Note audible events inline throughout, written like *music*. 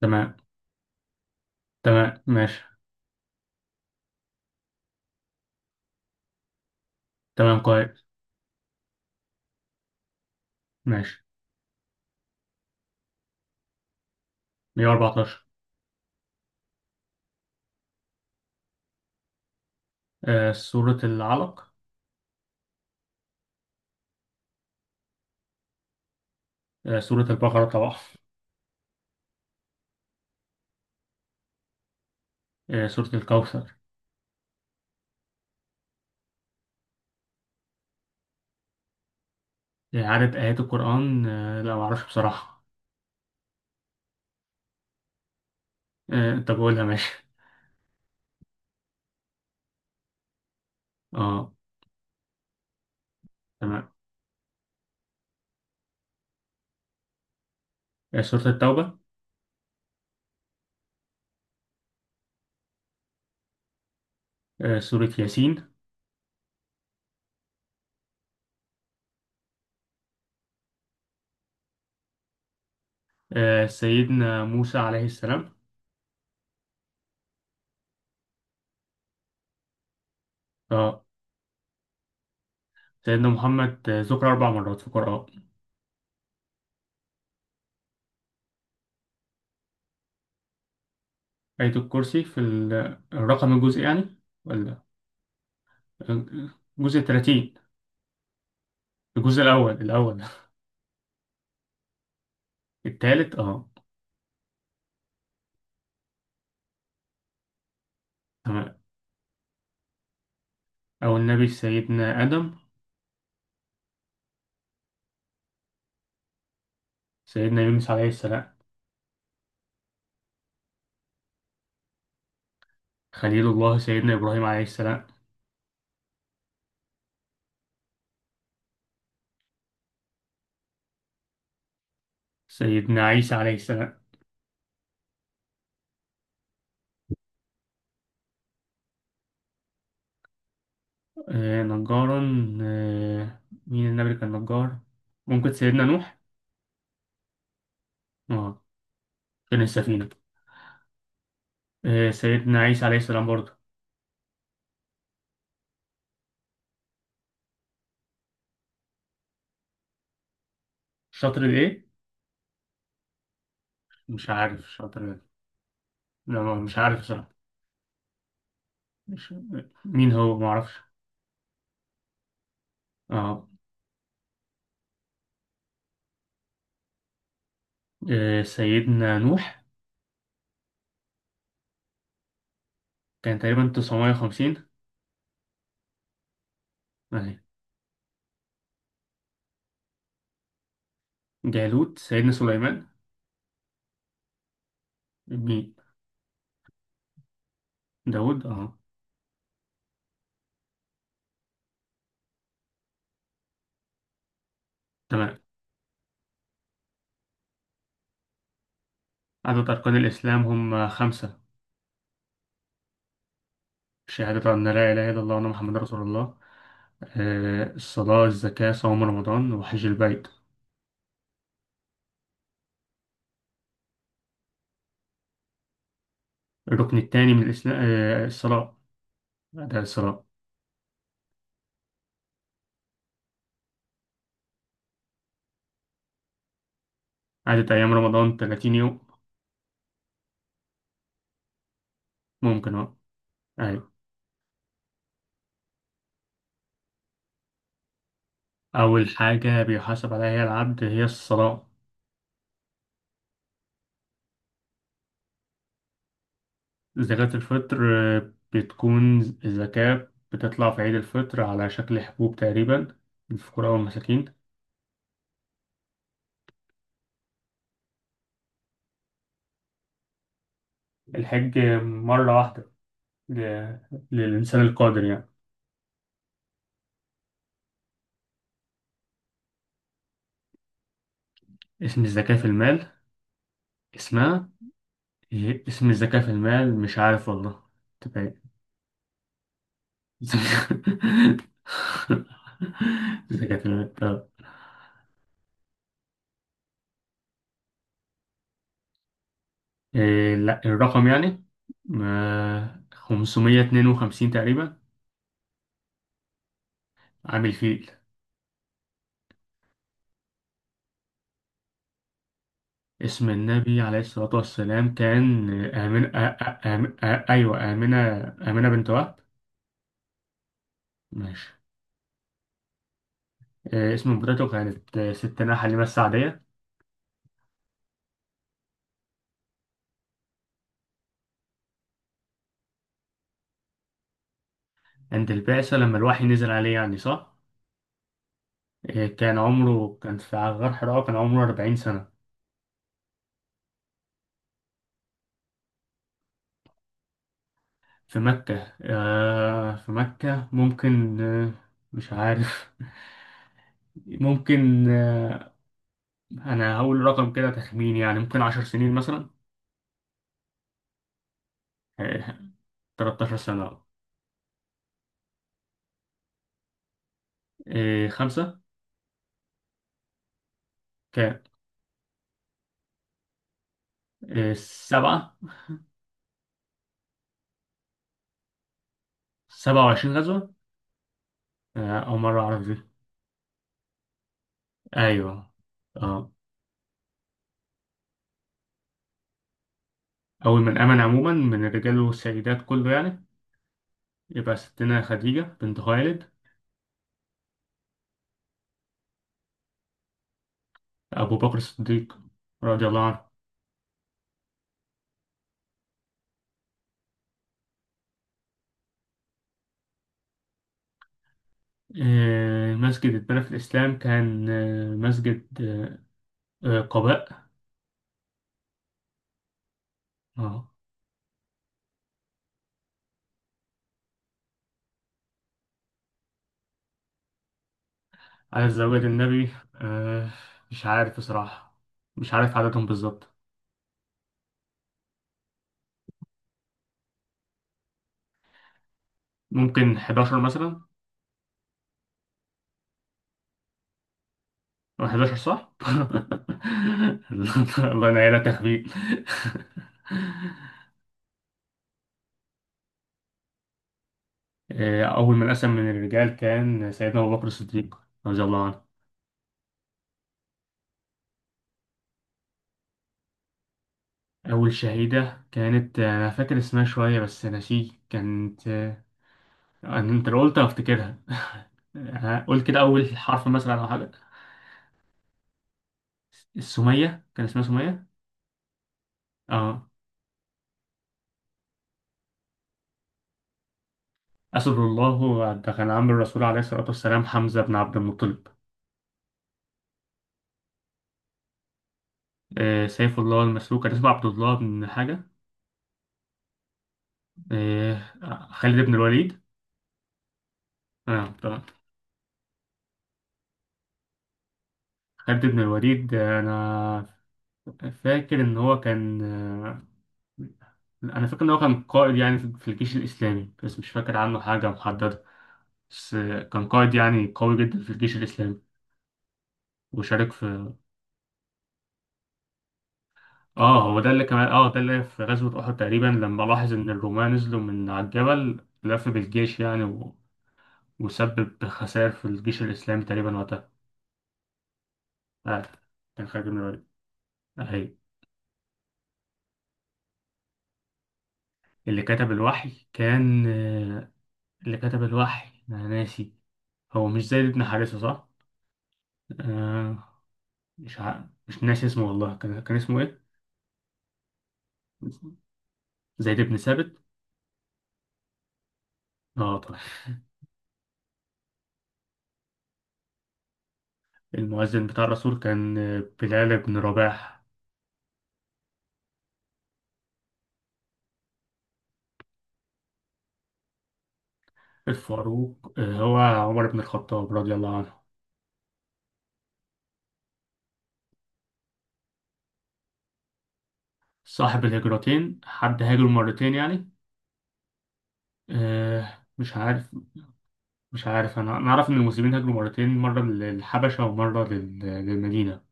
تمام. تمام، ماشي. تمام، كويس. ماشي. 114. آه، سورة العلق. آه، سورة البقرة طبعا. آه، سورة الكوثر. آه، عدد آيات القرآن، لا معرفش بصراحة. آه، أنت بقولها ماشي. اه. تمام. آه، سورة التوبة. آه، سورة ياسين. آه، سيدنا موسى عليه السلام. اه، سيدنا محمد ذكر أربع مرات في القرآن. آية الكرسي في الرقم الجزء يعني؟ ولا الجزء 30؟ الجزء الأول. *laughs* التالت، اه. تمام. أو النبي سيدنا آدم. سيدنا يونس عليه السلام. خليل الله سيدنا إبراهيم عليه السلام. سيدنا عيسى عليه السلام. آه، نجارا. آه مين النبي اللي كان نجار؟ ممكن سيدنا نوح. اه. كان السفينة. آه، سيدنا عيسى عليه السلام برضه. شاطر الإيه؟ مش عارف شاطر إيه. لا، مش عارف صراحة. مش مين هو معرفش. اه. آه، سيدنا نوح. كان تقريبا 950. أهي. جالوت سيدنا سليمان. مين؟ داود، اه. تمام. عدد أركان الإسلام هم خمسة. شهادة أن لا إله إلا الله وأن محمد رسول الله. آه، الصلاة، الزكاة، صوم رمضان، وحج البيت. الركن الثاني من الإسلام، الصلاة، أداء الصلاة. عدد أيام رمضان 30 يوم. ممكن. أيوة. أول حاجة بيحاسب عليها العبد هي الصلاة. زكاة الفطر بتكون، الزكاة بتطلع في عيد الفطر على شكل حبوب تقريبا، للفقراء والمساكين. الحج مرة واحدة، ل- للإنسان القادر يعني. اسم الزكاة في المال؟ اسمها إيه؟ اسم الزكاة في المال مش عارف والله. تبقى إيه؟ *laughs* زكاة في المال، طب. إيه؟ لا، الرقم يعني، ما 552 تقريبا. عامل فيل. اسم النبي عليه الصلاة والسلام كان آمنة. أيوه، آمنة. آمنة بنت وهب. ماشي. إيه اسم مرته؟ كانت ست نحل مسة عادية. عند البعثة لما الوحي نزل عليه يعني، صح؟ آه، كان في غار حراء، كان عمره 40 سنة. في مكة. في مكة ممكن، مش عارف. *laughs* ممكن. أنا هقول رقم كده، تخمين يعني، ممكن 10 سنين مثلا. آه، 13 سنة. آه، خمسة. كام؟ آه، سبعة. 27 غزوة. آه، أول مرة أعرف دي. أيوه أه أول من آمن عموما من الرجال والسيدات كله يعني، يبقى ستنا خديجة بنت خويلد. أبو بكر الصديق رضي الله عنه. آه، مسجد اتبنى في الإسلام كان مسجد، قباء. اه. على زواج النبي، آه، مش عارف بصراحة، مش عارف عددهم بالظبط. ممكن 11 مثلا. أو 11 صح؟ *laughs* الله ينعينا تخبيء. *laughs* آه، أول من أسلم من الرجال كان سيدنا أبو بكر الصديق رضي الله عنه. أول شهيدة كانت، أنا فاكر اسمها شوية بس ناسيه كانت. انت لو قلت هفتكرها. *laughs* قول كده، اول حرف مثلا او حاجه. السميه، كان اسمها سميه. اه. اسد الله ده كان عم الرسول عليه الصلاه والسلام حمزه بن عبد المطلب. آه، سيف الله المسلوك كان اسمه عبد الله بن حاجه. آه. خالد بن الوليد. اه، طبعا. خالد بن الوليد، انا فاكر ان هو كان، انا فاكر ان هو كان قائد يعني، في الجيش الاسلامي، بس مش فاكر عنه حاجه محدده. بس كان قائد يعني، قوي جدا في الجيش الاسلامي، وشارك في، اه، هو ده اللي كمان، ده اللي في غزوة أحد تقريبا، لما لاحظ إن الرومان نزلوا من على الجبل، لف بالجيش يعني، و... وسبب خسائر في الجيش الإسلامي تقريبا وقتها. آه. كان خالد بن الوليد، أهي. اللي كتب الوحي كان، اللي كتب الوحي أنا ناسي. هو مش زيد بن حارثة، صح؟ آه. مش ناسي اسمه والله. كان اسمه إيه؟ زيد بن ثابت. اه، طبعا. المؤذن بتاع الرسول كان بلال بن رباح. الفاروق، هو عمر بن الخطاب رضي الله عنه. صاحب الهجرتين، حد هاجر مرتين يعني؟ آه، مش عارف. مش عارف، انا اعرف ان المسلمين هاجروا مرتين، مره للحبشه ومره للمدينه.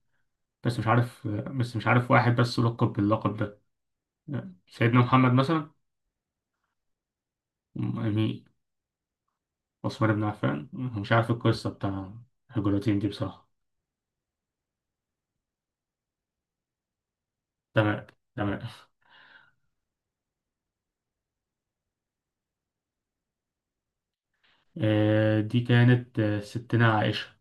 بس مش عارف، واحد بس لقب باللقب ده. آه، سيدنا محمد مثلا، يعني. عثمان بن عفان، مش عارف القصه بتاع الهجرتين دي بصراحه. تمام، تمام. آه، دي كانت، ستنا عائشه.